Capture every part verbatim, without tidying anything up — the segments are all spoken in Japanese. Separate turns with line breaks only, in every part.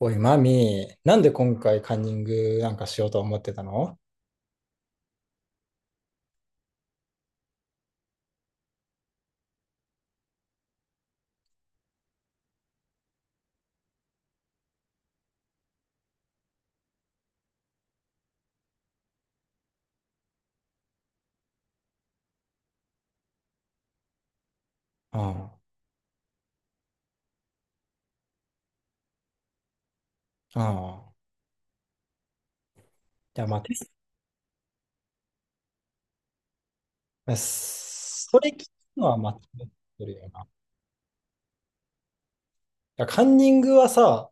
おい、マミー、なんで今回カンニングなんかしようと思ってたの？うん。うん。じゃまあ、それ聞くのは間違ってるよな。いやカンニングはさ、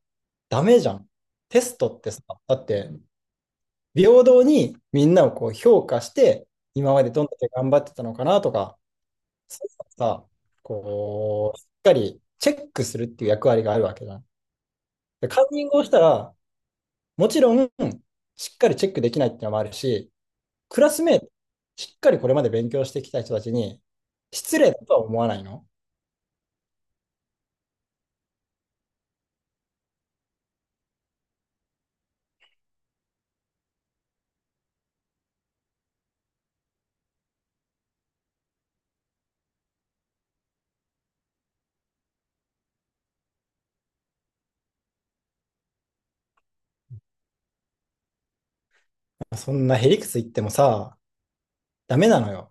ダメじゃん。テストってさ、だって、平等にみんなをこう評価して、今までどんだけ頑張ってたのかなとか、そういうのをさ、こう、しっかりチェックするっていう役割があるわけじゃん。でカンニングをしたら、もちろん、しっかりチェックできないっていうのもあるし、クラスメート、しっかりこれまで勉強してきた人たちに、失礼だとは思わないの？そんなへりくつ言ってもさ、ダメなのよ。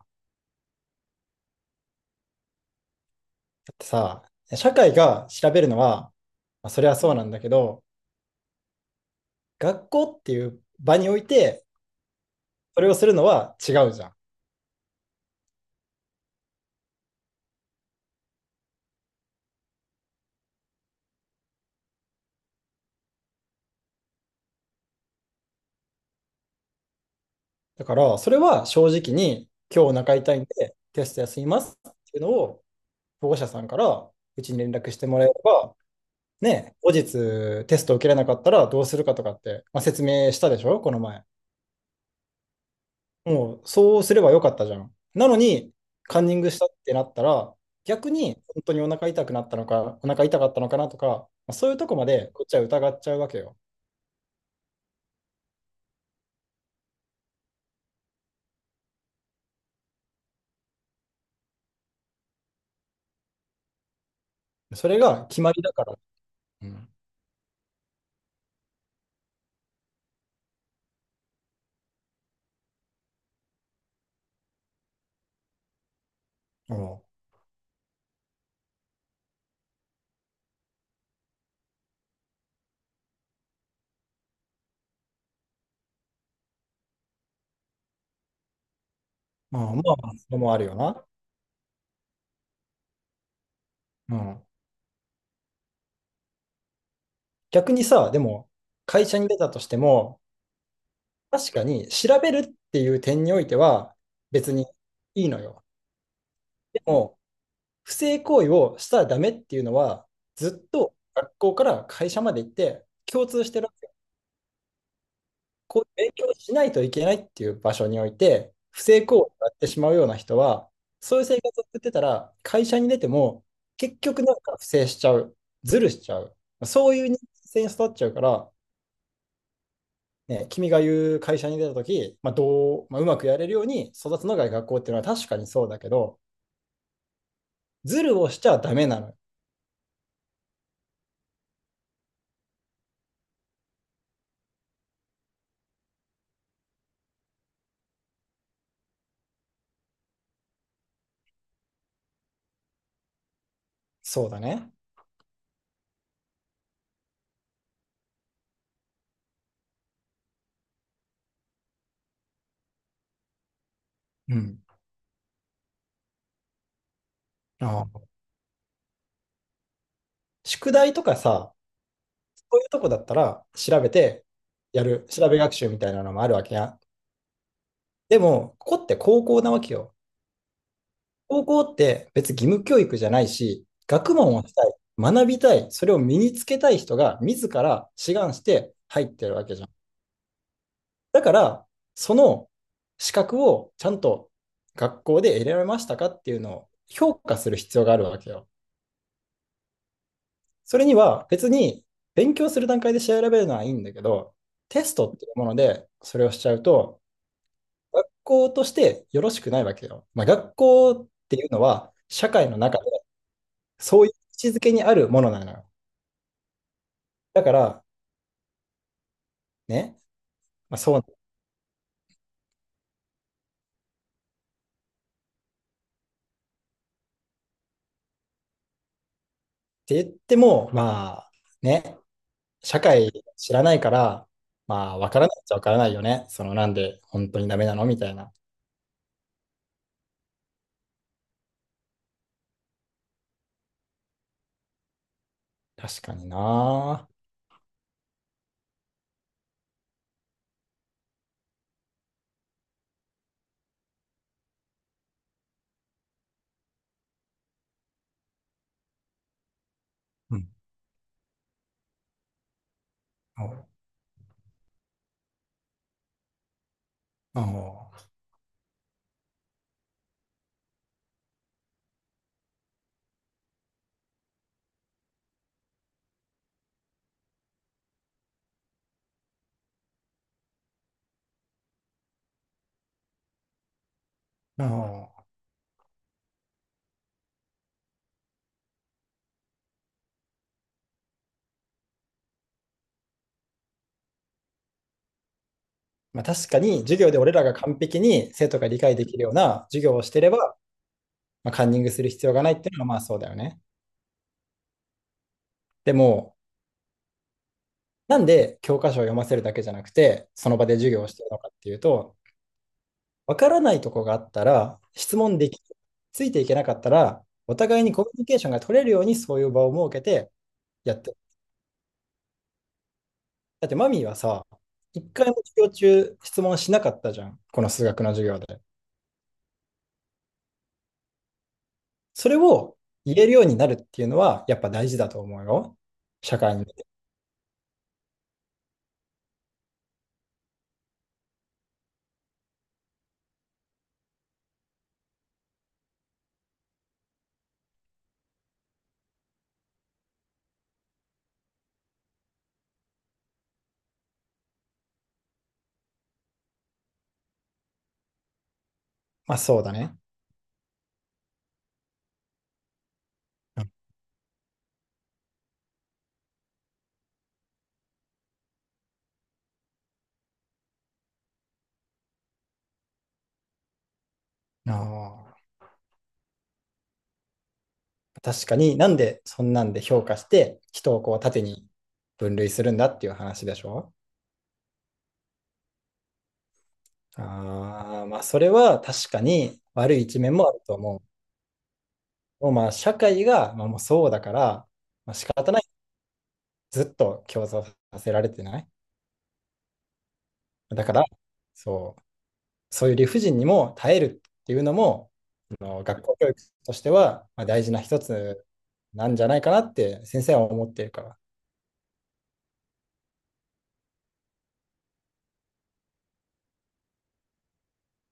だってさ、社会が調べるのは、まあそれはそうなんだけど、学校っていう場において、それをするのは違うじゃん。だから、それは正直に、今日お腹痛いんで、テスト休みますっていうのを、保護者さんからうちに連絡してもらえれば、ね、後日テストを受けれなかったらどうするかとかって、まあ、説明したでしょ、この前。もう、そうすればよかったじゃん。なのに、カンニングしたってなったら、逆に本当にお腹痛くなったのか、お腹痛かったのかなとか、まあそういうとこまでこっちは疑っちゃうわけよ。それが決まりだから。うん。うん。まあ、まあ、それもあるよな。うん。逆にさ、でも、会社に出たとしても、確かに調べるっていう点においては別にいいのよ。でも、不正行為をしたらダメっていうのは、ずっと学校から会社まで行って共通してる。こういう勉強をしないといけないっていう場所において、不正行為をやってしまうような人は、そういう生活を送ってたら、会社に出ても、結局なんか不正しちゃう、ずるしちゃう、そういう人間性に育っちゃうから、ね、君が言う会社に出たとき、まあどうまあ、うまくやれるように育つのが学校っていうのは確かにそうだけど、ずるをしちゃダメなの。そうだね。うん。ああ、宿題とかさ、そういうとこだったら調べてやる、調べ学習みたいなのもあるわけや。でも、ここって高校なわけよ。高校って別に義務教育じゃないし、学問をしたい、学びたい、それを身につけたい人が自ら志願して入ってるわけじゃん。だから、その資格をちゃんと学校で得られましたかっていうのを評価する必要があるわけよ。それには別に勉強する段階で調べるのはいいんだけど、テストっていうものでそれをしちゃうと、学校としてよろしくないわけよ。まあ、学校っていうのは社会の中、そういう位置づけにあるものなのよ。だから、ね、まあ、そうって言っても、まあ、ね、社会知らないから、まあ、わからないっちゃわからないよね。その、なんで本当にダメなのみたいな。確かにな。うん。おおお、まあ、確かに、授業で俺らが完璧に生徒が理解できるような授業をしてれば、まあ、カンニングする必要がないっていうのは、まあそうだよね。でも、なんで教科書を読ませるだけじゃなくて、その場で授業をしてるのかっていうと、わからないとこがあったら、質問でき、ついていけなかったら、お互いにコミュニケーションが取れるようにそういう場を設けてやってる。だってマミーはさ、一回も授業中質問しなかったじゃん。この数学の授業で。それを言えるようになるっていうのは、やっぱ大事だと思うよ。社会に。まあそうだね。うん。あ、確かに、なんでそんなんで評価して人をこう縦に分類するんだっていう話でしょ？ああ、まあそれは確かに悪い一面もあると思う。もうまあ社会がまあもうそうだから、まあ仕方ない。ずっと競争させられてない。だから、そう、そういう理不尽にも耐えるっていうのも、あの学校教育としてはまあ大事な一つなんじゃないかなって先生は思ってるか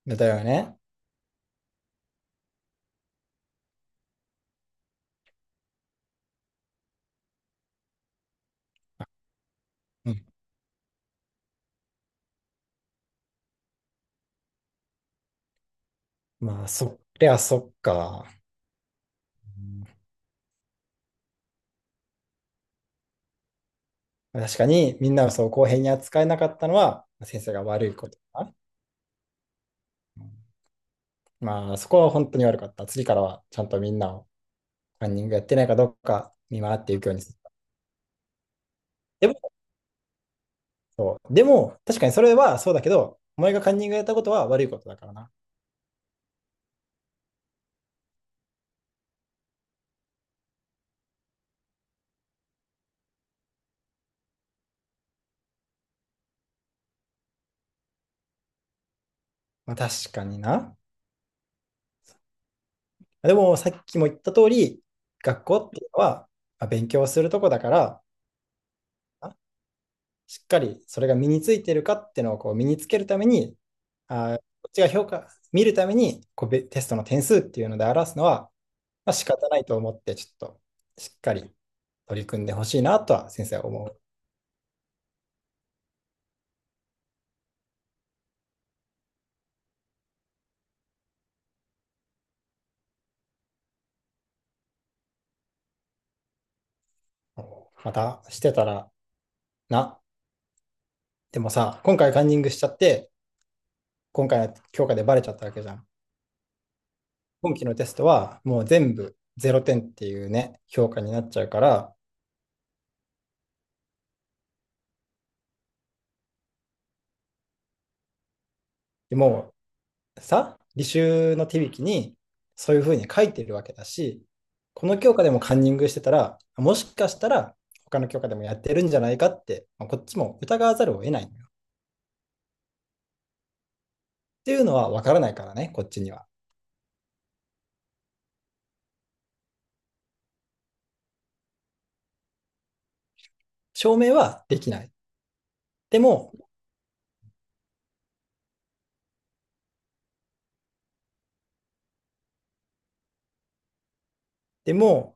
ら。だよね。うん。まあそりゃそっか。うん。確かにみんなをそう公平に扱えなかったのは先生が悪いことだな。まあ、そこは本当に悪かった。次からはちゃんとみんなをカンニングやってないかどうか見回っていくようにする。でも、そう。でも、確かにそれはそうだけど、お前がカンニングやったことは悪いことだからな。まあ、確かにな。でも、さっきも言った通り、学校っていうのは、まあ、勉強するとこだから、あしっかりそれが身についてるかっていうのをこう身につけるために、あこっちが評価、見るためにこうべテストの点数っていうので表すのは、まあ、仕方ないと思って、ちょっとしっかり取り組んでほしいなとは先生は思う。またしてたらな。でもさ、今回カンニングしちゃって、今回の評価でバレちゃったわけじゃん。今期のテストはもう全部ぜろてんっていうね、評価になっちゃうから、もうさ、履修の手引きにそういうふうに書いてるわけだし、この教科でもカンニングしてたら、もしかしたら他の教科でもやってるんじゃないかって、まあ、こっちも疑わざるを得ないっていうのは分からないからね、こっちには。証明はできない。でも、でも、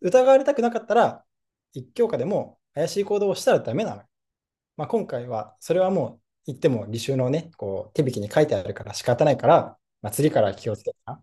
疑われたくなかったら、一教科でも怪しい行動をしたらダメなの。まあ、今回は、それはもう言っても履修のね、こう手引きに書いてあるから仕方ないから、まあ、次から気をつけてな。